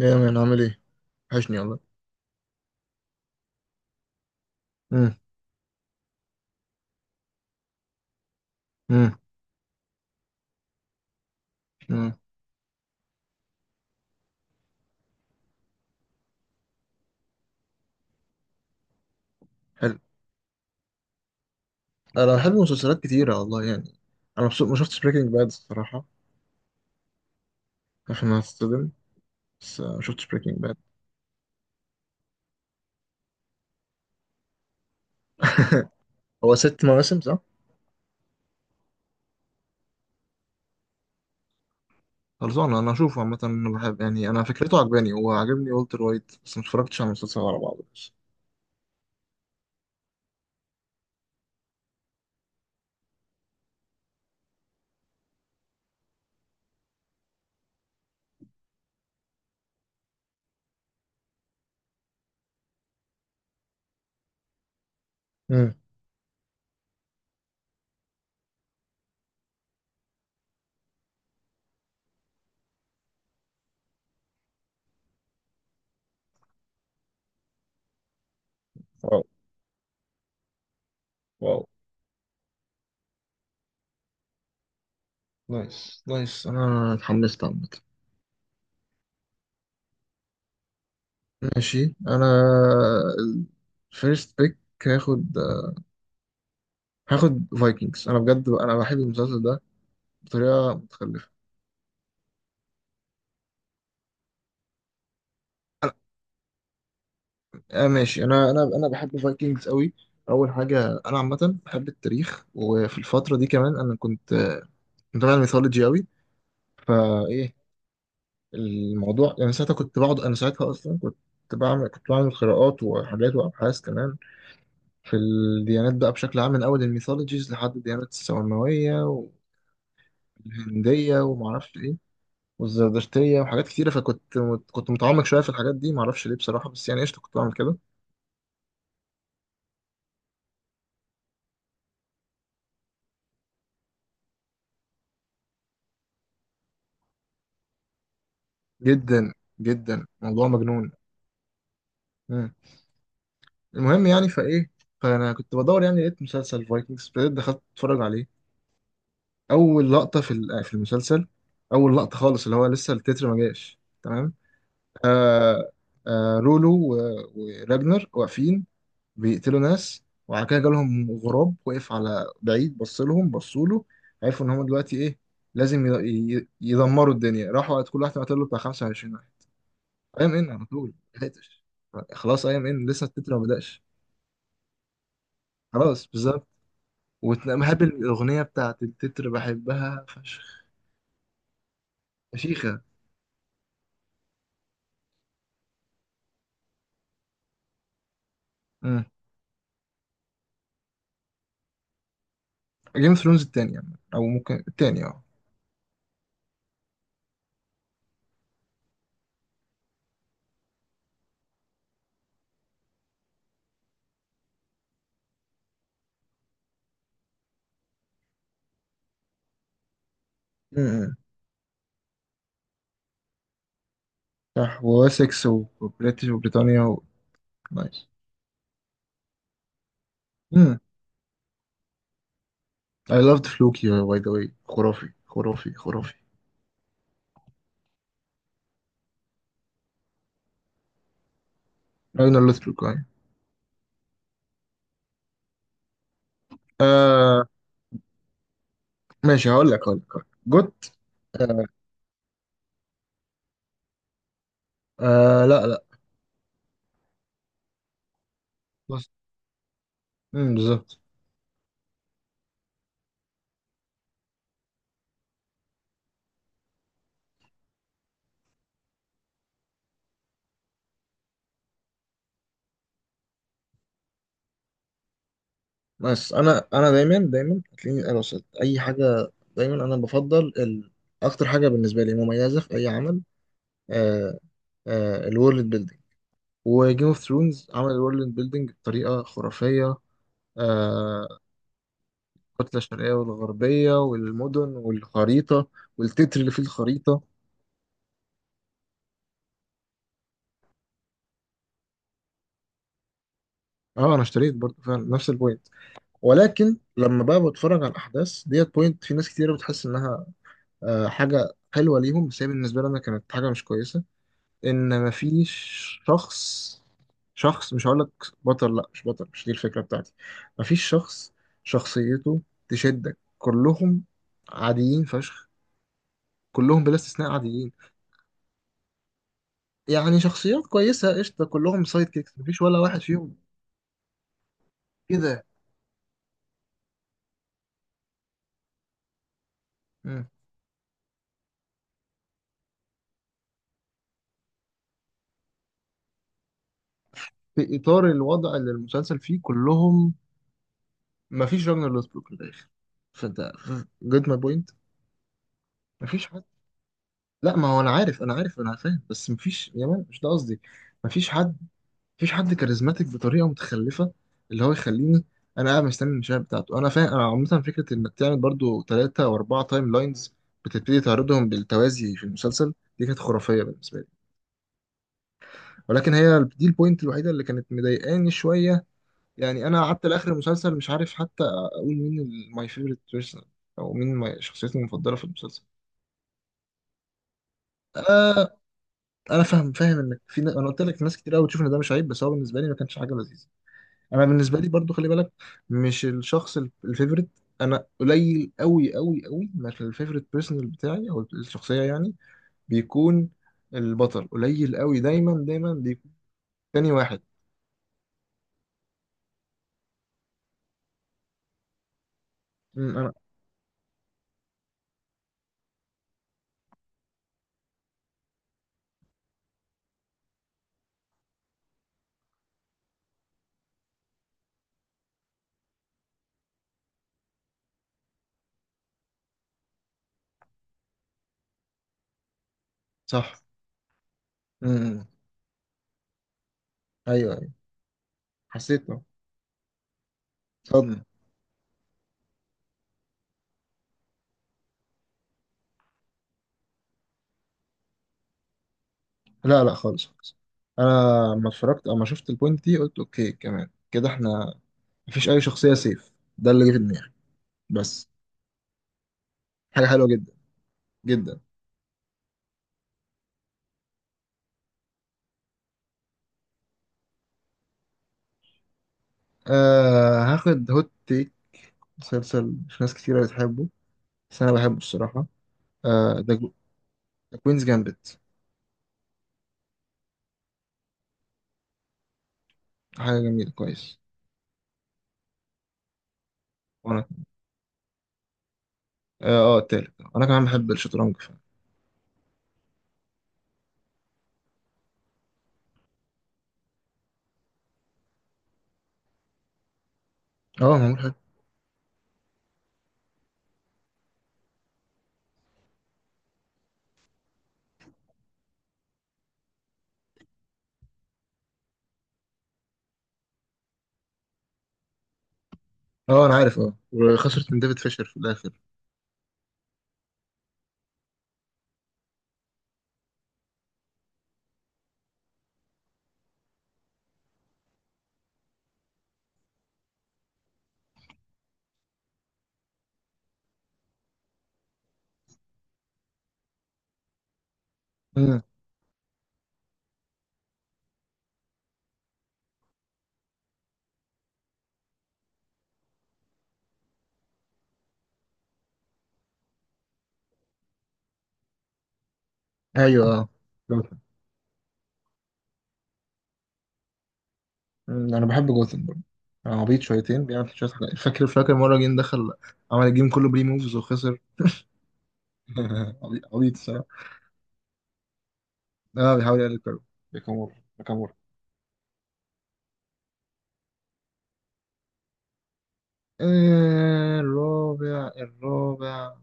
ايه يا مان عامل ايه؟ وحشني والله. امم. امم. امم. حلو. انا بحب مسلسلات كتيرة والله يعني انا مبسوط. ما شفتش بريكنج باد الصراحة. عشان ما هتصدم. بس ما شفتش بريكنج باد. هو ست مواسم صح؟ خلصانة انا اشوفه عامة انا بحب يعني انا فكرته عجباني هو عاجبني والتر وايت بس ما اتفرجتش على المسلسل على بعضه بس. امم. واو. واو. نايس نايس انا اتحمست عامة. ماشي انا الفيرست بيك. هاخد هاخد فايكنجز انا بجد انا بحب المسلسل ده بطريقة متخلفة. ماشي انا بحب الفايكنجز قوي. اول حاجه انا عامه بحب التاريخ وفي الفتره دي كمان انا كنت متابع الميثولوجي قوي. فايه الموضوع يعني ساعتها كنت بقعد انا ساعتها اصلا كنت بعمل قراءات وحاجات وابحاث كمان في الديانات بقى بشكل عام من اول الميثولوجيز لحد الديانات السماويه والهنديه ومعرفش ايه والزردشتيه وحاجات كتيره فكنت متعمق شويه في الحاجات دي معرفش ليه بصراحه بس يعني قشطه كنت بعمل كده. جدا جدا موضوع مجنون. المهم يعني فايه فانا كنت بدور يعني لقيت مسلسل فايكنجز ابتديت دخلت اتفرج عليه. اول لقطه في المسلسل اول لقطه خالص اللي هو لسه التتر ما جاش تمام. آه رولو وراجنر واقفين بيقتلوا ناس وبعد كده جالهم غراب وقف على بعيد بص لهم بصوا له عرفوا ان هم دلوقتي ايه لازم يدمروا الدنيا راحوا قعد كل واحد قتل له بتاع 25 واحد. اي ام ان على طول ما لحقتش. خلاص اي ام ان لسه التتر ما بداش. خلاص بالظبط. وبحب الأغنية بتاعت التتر بحبها فشخ. فشيخة. امم. جيم اوف ثرونز التانية أو ممكن التانية اه. امم. صح وواسكس وبريتش وبريطانيا. و... نايس. امم. I loved فلوكي باي ذا واي خرافي خرافي خرافي. أنا loved فلوكي أيوة. آه ماشي هقول لك. جوت. آه، آه، لا، لا. بس بالظبط. بس انا دايما دايما هتلاقيني انا وصلت اي حاجه دايما انا بفضل اكتر حاجه بالنسبه لي مميزه في اي عمل آه، الورلد بيلدينج. وجيم اوف ثرونز عمل الورلد بيلدينج بطريقه خرافيه آه، الكتله الشرقيه والغربيه والمدن والخريطه والتتر اللي فيه الخريطه. اه، انا اشتريت برضه فعلا نفس البوينت. ولكن لما بقى بتفرج على الاحداث ديت بوينت في ناس كتير بتحس انها حاجه حلوه ليهم بس هي بالنسبه لنا كانت حاجه مش كويسه ان مفيش شخص شخص مش هقولك. بطل لا مش بطل مش دي الفكرة بتاعتي. مفيش شخص شخصيته تشدك كلهم عاديين فشخ. كلهم بلا استثناء عاديين. يعني شخصيات كويسة قشطة كلهم سايد كيكس مفيش ولا واحد فيهم كده. مم. في إطار الوضع اللي المسلسل فيه كلهم. مفيش راجنر لوسبروك في الآخر فانت جيت ماي بوينت. مفيش حد. لا ما هو انا عارف انا فاهم بس مفيش يا مان مش ده قصدي. مفيش حد مفيش حد كاريزماتيك بطريقه متخلفه اللي هو يخليني انا قاعد مستني المشاهد بتاعته. انا فاهم انا عامه فكره انك تعمل برضو ثلاثه او اربعه تايم لاينز بتبتدي تعرضهم بالتوازي في المسلسل دي كانت خرافيه بالنسبه لي. ولكن هي دي البوينت الوحيده اللي كانت مضايقاني شويه. يعني انا قعدت لاخر المسلسل مش عارف حتى اقول مين ماي فيفورت بيرسون او مين شخصيتي المفضله في المسلسل. آه انا فاهم انك انا قلت لك ناس كتير قوي بتشوف ان ده مش عيب بس هو بالنسبه لي ما كانش حاجه لذيذه. انا بالنسبه لي برضو خلي بالك. مش الشخص الفيفوريت. انا قليل قوي قوي قوي ما الفيفوريت بيرسونال بتاعي او الشخصيه يعني بيكون البطل قليل قوي دايما دايما بيكون تاني واحد. امم. انا. صح. امم. ايوه، ايوه. حسيت. اه. صدمه. لا، لا، خالص، خالص. انا لما اتفرجت او ما شفت البوينت دي قلت اوكي كمان كده احنا مفيش اي شخصيه سيف ده اللي جه في دماغي. بس حاجه حلوه جدا جدا. هاخد هوت تيك. مسلسل مش ناس كتيرة بتحبه بس أنا بحبه الصراحة. آه ده ده كوينز جامبت. حاجة جميلة كويس. وأنا التالت أنا كمان بحب الشطرنج فعلا. آه، معمول حلو. آه، أنا عارف وخسرت من ديفيد فيشر في الآخر. مم. أيوه، آه. جوثن. مم، أنا بحب جوثن برضه. آه، عبيط شويتين بيعمل شوية حاجات فاكر فاكر مرة جه دخل عمل الجيم كله بري موفز وخسر. عبيط عبيط الصراحة. بيحاول يقلل كارو. ناكامورا ناكامورا. الرابع الرابع.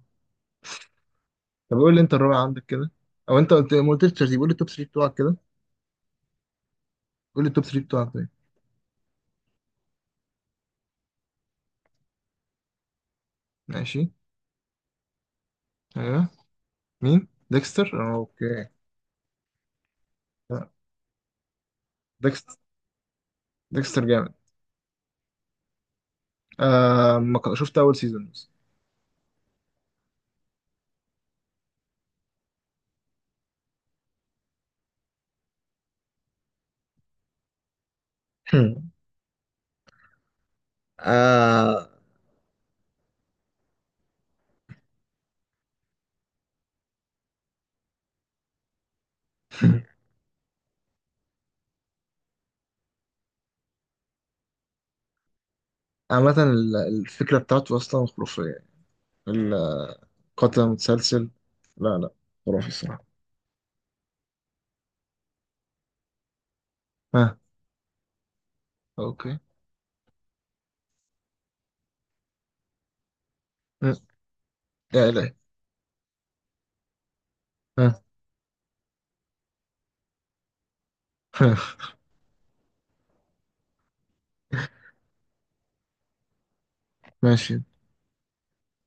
طب قول لي انت الرابع عندك كده او انت قلت ما قلتش ترتيب قول لي التوب 3 بتوعك كده. قول لي التوب 3 بتوعك طيب. ماشي. ايوه. مين ديكستر اه، اوكي. لا، ديكستر ديكستر جامد. آه، ما شفت اول سيزون بس. آه عامة الفكرة بتاعته أصلا خرافية. القتل المتسلسل. لا، لا، خرافي الصراحة. ها. أوكي. م. يا إلهي. ها. ماشي